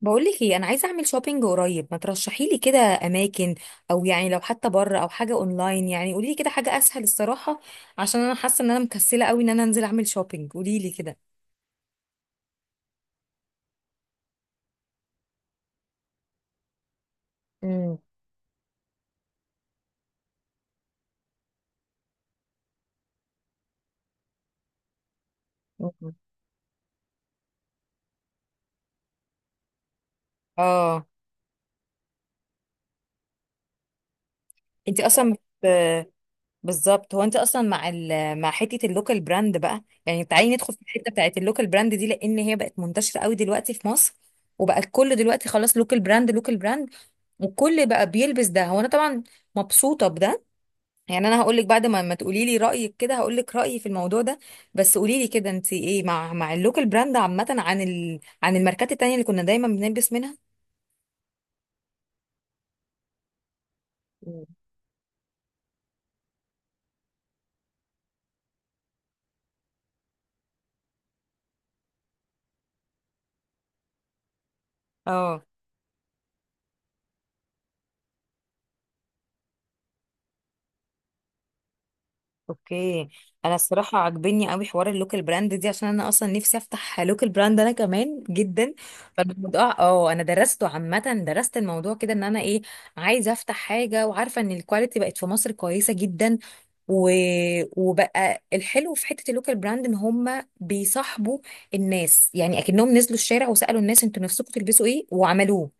بقولك ايه، انا عايزه اعمل شوبينج قريب، ما ترشحي لي كده اماكن؟ او يعني لو حتى بره او حاجه اونلاين، يعني قولي لي كده حاجه اسهل الصراحه. عشان انا حاسه ان انا مكسله قوي ان انا انزل اعمل شوبينج، قولي لي كده. مم. مم. اه، انت اصلا بت... بالظبط هو انت اصلا مع مع حته اللوكال براند بقى، يعني تعالي ندخل في الحته بتاعت اللوكال براند دي، لان هي بقت منتشره قوي دلوقتي في مصر. وبقى الكل دلوقتي خلاص لوكال براند لوكال براند، والكل بقى بيلبس ده. هو انا طبعا مبسوطه بده، يعني انا هقول لك بعد ما تقولي لي رايك كده هقول لك رايي في الموضوع ده. بس قولي لي كده، انت ايه مع اللوكال براند عامه، عن عن الماركات التانية اللي كنا دايما بنلبس منها؟ مم. اه. اوكي، انا الصراحه عاجبني قوي حوار اللوكال براند دي، عشان انا اصلا نفسي افتح لوكال براند انا كمان جدا. فالموضوع اه انا درسته عامه، درست الموضوع كده ان انا ايه، عايزه افتح حاجه، وعارفه ان الكواليتي بقت في مصر كويسه جدا. و... وبقى الحلو في حته اللوكال براند ان هم بيصاحبوا الناس، يعني اكنهم نزلوا الشارع وسالوا الناس انتوا نفسكم تلبسوا ايه وعملوه.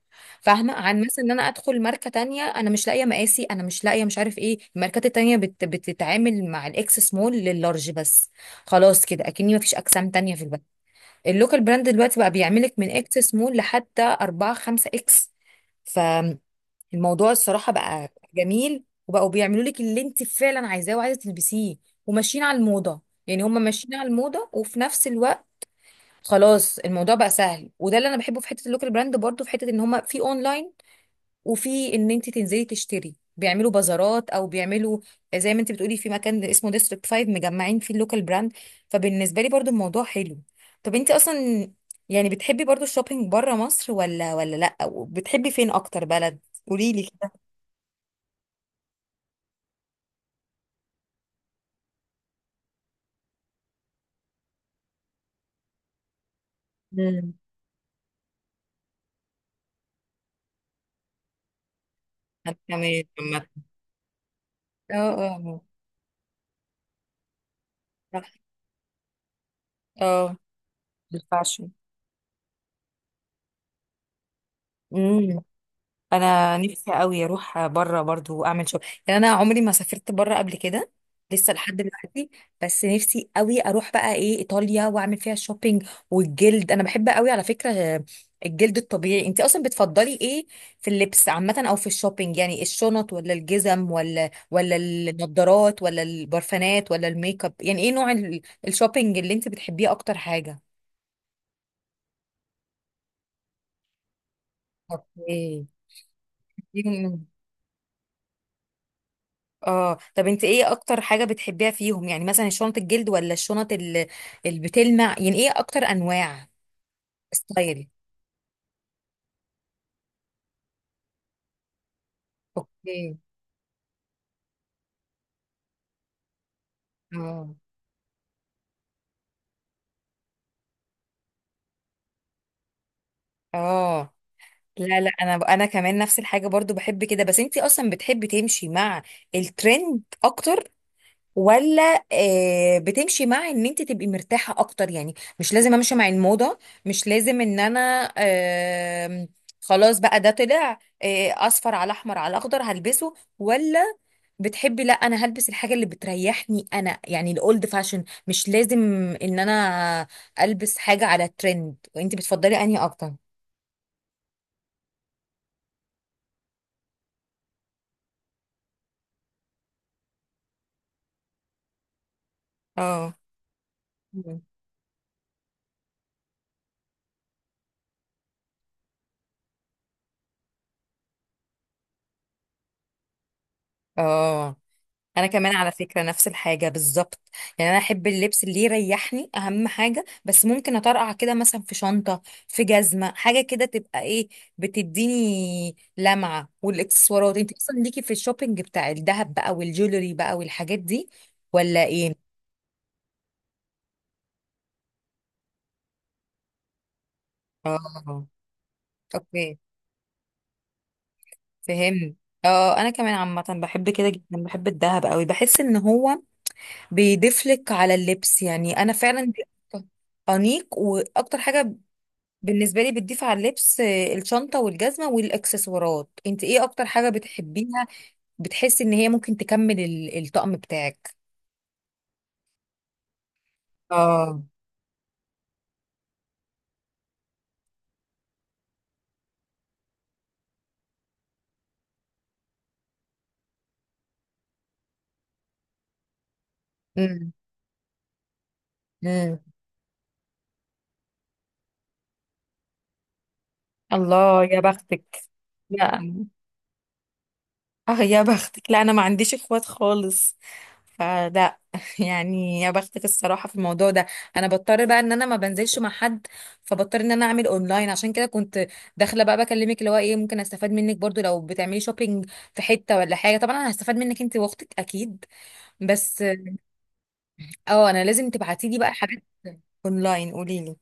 فاهمه؟ عن مثلا ان انا ادخل ماركه تانية انا مش لاقيه مقاسي، انا مش لاقيه، مش عارف ايه، الماركات التانية بتتعامل مع الاكس سمول لللارج بس. خلاص كده اكني مفيش اجسام تانية في البلد. اللوكال براند دلوقتي بقى بيعملك من اكس سمول لحتى 4 5 اكس. فالموضوع الصراحه بقى جميل، وبقوا بيعملوا لك اللي انت فعلا عايزاه وعايزه تلبسيه. وماشيين على الموضه، يعني هم ماشيين على الموضه وفي نفس الوقت خلاص الموضوع بقى سهل. وده اللي انا بحبه في حته اللوكال براند برضو، في حته ان هم في اونلاين، وفي ان انت تنزلي تشتري بيعملوا بازارات، او بيعملوا زي ما انت بتقولي في مكان اسمه ديستريكت 5 مجمعين فيه اللوكال براند. فبالنسبه لي برضو الموضوع حلو. طب انت اصلا يعني بتحبي برضو الشوبينج بره مصر ولا، لا، وبتحبي فين اكتر بلد؟ قولي لي كده. مم. أنا كمان عامة. اه، اه، آه. صح. اه، الفاشن. انا نفسي قوي اروح بره برضو اعمل شغل، يعني انا عمري ما سافرت بره قبل كده لسه لحد دلوقتي. بس نفسي قوي اروح بقى ايه، ايطاليا، واعمل فيها شوبينج. والجلد انا بحب قوي على فكرة، الجلد الطبيعي. انت اصلا بتفضلي ايه في اللبس عامة او في الشوبينج؟ يعني الشنط ولا الجزم ولا، ولا النضارات ولا البرفانات ولا الميك اب، يعني ايه نوع الشوبينج اللي انت بتحبيه اكتر حاجة؟ اوكي. اه، طب انت ايه اكتر حاجة بتحبيها فيهم؟ يعني مثلا شنط الجلد ولا الشنط اللي بتلمع، يعني ايه اكتر انواع ستايل؟ اوكي. اه، اه. لا، لا، انا كمان نفس الحاجة برضو، بحب كده. بس انت اصلا بتحبي تمشي مع الترند اكتر، ولا بتمشي مع ان انت تبقي مرتاحة اكتر؟ يعني مش لازم امشي مع الموضة، مش لازم ان انا خلاص بقى ده طلع اصفر على احمر على اخضر هلبسه، ولا بتحبي، لا انا هلبس الحاجه اللي بتريحني انا، يعني الاولد فاشن، مش لازم ان انا البس حاجه على الترند؟ وانت بتفضلي انهي اكتر؟ اه. مم. اه، انا كمان على فكره نفس الحاجه بالظبط. يعني انا احب اللبس اللي يريحني اهم حاجه، بس ممكن اطرقع كده مثلا في شنطه، في جزمه، حاجه كده تبقى ايه، بتديني لمعه. والاكسسوارات انت اصلا ليكي في الشوبينج بتاع الذهب بقى والجولري بقى والحاجات دي، ولا ايه؟ اه. اوكي، فهمت. اه، انا كمان عامه بحب كده جدا، بحب الذهب قوي، بحس ان هو بيضيف لك على اللبس. يعني انا فعلا دي أكتر- انيق واكتر حاجه بالنسبه لي، بتضيف على اللبس. الشنطه والجزمه والاكسسوارات، انت ايه اكتر حاجه بتحبيها، بتحسي ان هي ممكن تكمل الطقم بتاعك؟ اه. امم. امم. الله يا بختك. لا. اه يا بختك، لا انا ما عنديش اخوات خالص، فلا يعني يا بختك الصراحه في الموضوع ده. انا بضطر بقى ان انا ما بنزلش مع حد، فبضطر ان انا اعمل اونلاين، عشان كده كنت داخله بقى بكلمك، اللي هو ايه، ممكن استفاد منك برضو لو بتعملي شوبينج في حته ولا حاجه. طبعا انا هستفاد منك انت واختك اكيد، بس اه انا لازم تبعتي لي بقى حاجات اونلاين، قولي لي.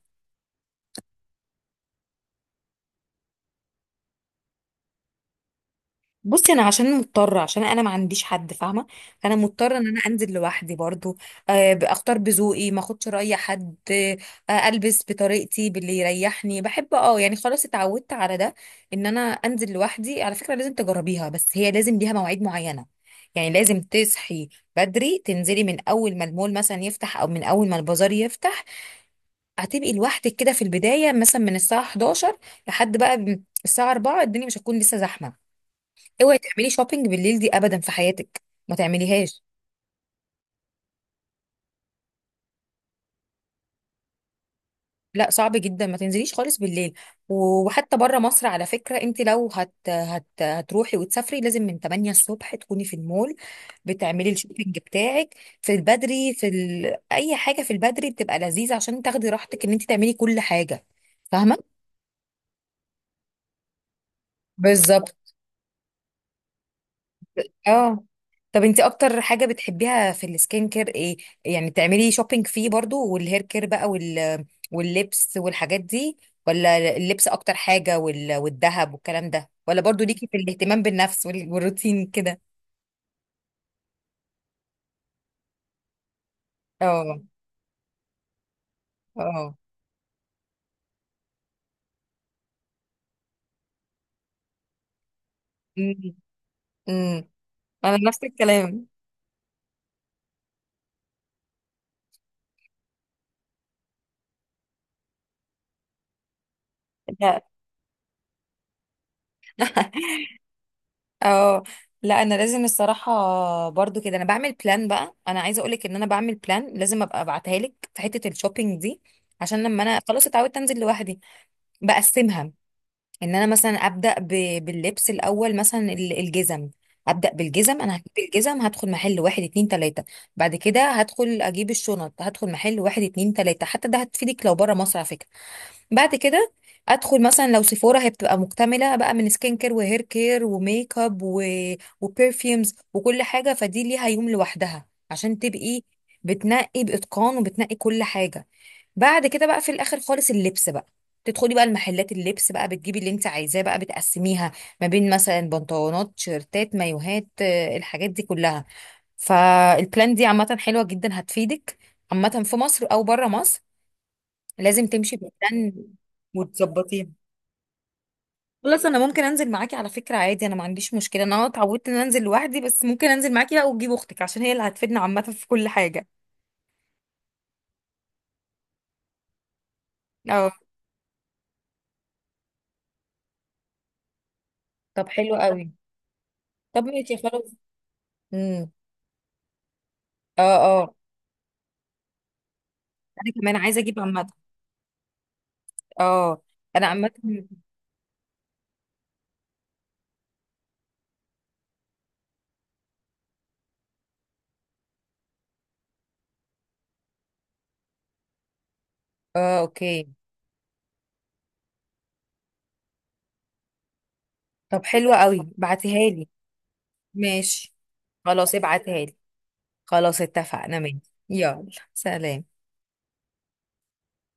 بصي انا عشان مضطره، عشان انا ما عنديش حد فاهمه، فانا مضطره ان انا انزل لوحدي برضو، اختار بذوقي، ما اخدش راي حد، البس بطريقتي باللي يريحني، بحب اه يعني، خلاص اتعودت على ده، ان انا انزل لوحدي. على فكره لازم تجربيها، بس هي لازم ليها مواعيد معينه. يعني لازم تصحي بدري، تنزلي من اول ما المول مثلا يفتح، او من اول ما البازار يفتح، هتبقي لوحدك كده في البدايه، مثلا من الساعه 11 لحد بقى الساعه 4، الدنيا مش هتكون لسه زحمه. اوعي تعملي شوبينج بالليل دي ابدا في حياتك، ما تعمليهاش. لا صعب جدا، ما تنزليش خالص بالليل. وحتى بره مصر على فكره، انت لو هتروحي وتسافري، لازم من 8 الصبح تكوني في المول بتعملي الشوبينج بتاعك. في البدري، في اي حاجه في البدري بتبقى لذيذه، عشان تاخدي راحتك ان انت تعملي كل حاجه. فاهمه؟ بالظبط. اه، طب انت اكتر حاجة بتحبيها في السكين كير ايه؟ يعني بتعملي شوبينج فيه برضو، والهير كير بقى، واللبس والحاجات دي، ولا اللبس اكتر حاجة، والذهب والكلام ده، ولا برضو ليكي في الاهتمام بالنفس والروتين كده؟ اه، اه. امم. امم. انا نفس الكلام. لا اه، لا انا لازم الصراحه، برضو كده انا بعمل بلان بقى، انا عايزه اقولك ان انا بعمل بلان، لازم ابقى ابعتها لك في حته الشوبينج دي، عشان لما انا خلاص اتعودت انزل لوحدي بقسمها، ان انا مثلا ابدا باللبس الاول، مثلا الجزم، ابدا بالجزم، انا هجيب الجزم، هدخل محل واحد اتنين تلاته. بعد كده هدخل اجيب الشنط، هدخل محل واحد اتنين تلاته، حتى ده هتفيدك لو بره مصر على فكره. بعد كده ادخل مثلا لو سيفورا، هي بتبقى مكتمله بقى من سكين كير وهير كير وميك اب وبرفيومز وكل حاجه، فدي ليها يوم لوحدها عشان تبقي بتنقي باتقان، وبتنقي كل حاجه. بعد كده بقى في الاخر خالص اللبس بقى، تدخلي بقى المحلات اللبس بقى، بتجيبي اللي انت عايزاه بقى، بتقسميها ما بين مثلا بنطلونات، شيرتات، مايوهات، الحاجات دي كلها. فالبلان دي عامة حلوة جدا، هتفيدك عامة في مصر او بره مصر، لازم تمشي بلان وتظبطيه. خلاص انا ممكن انزل معاكي على فكرة عادي، انا ما عنديش مشكلة، انا اتعودت ان أنا انزل لوحدي، بس ممكن انزل معاكي بقى، وتجيب اختك عشان هي اللي هتفيدنا عامة في كل حاجة. اه. طب حلو قوي. طب ماشي خلاص. امم. اه، اه، انا كمان عايزه اجيب عامه. اه، انا عامه. اه. اوكي. طب حلوه قوي، بعتيها لي. ماشي. خلاص ابعتها لي. خلاص اتفقنا، ماشي. يلا، سلام.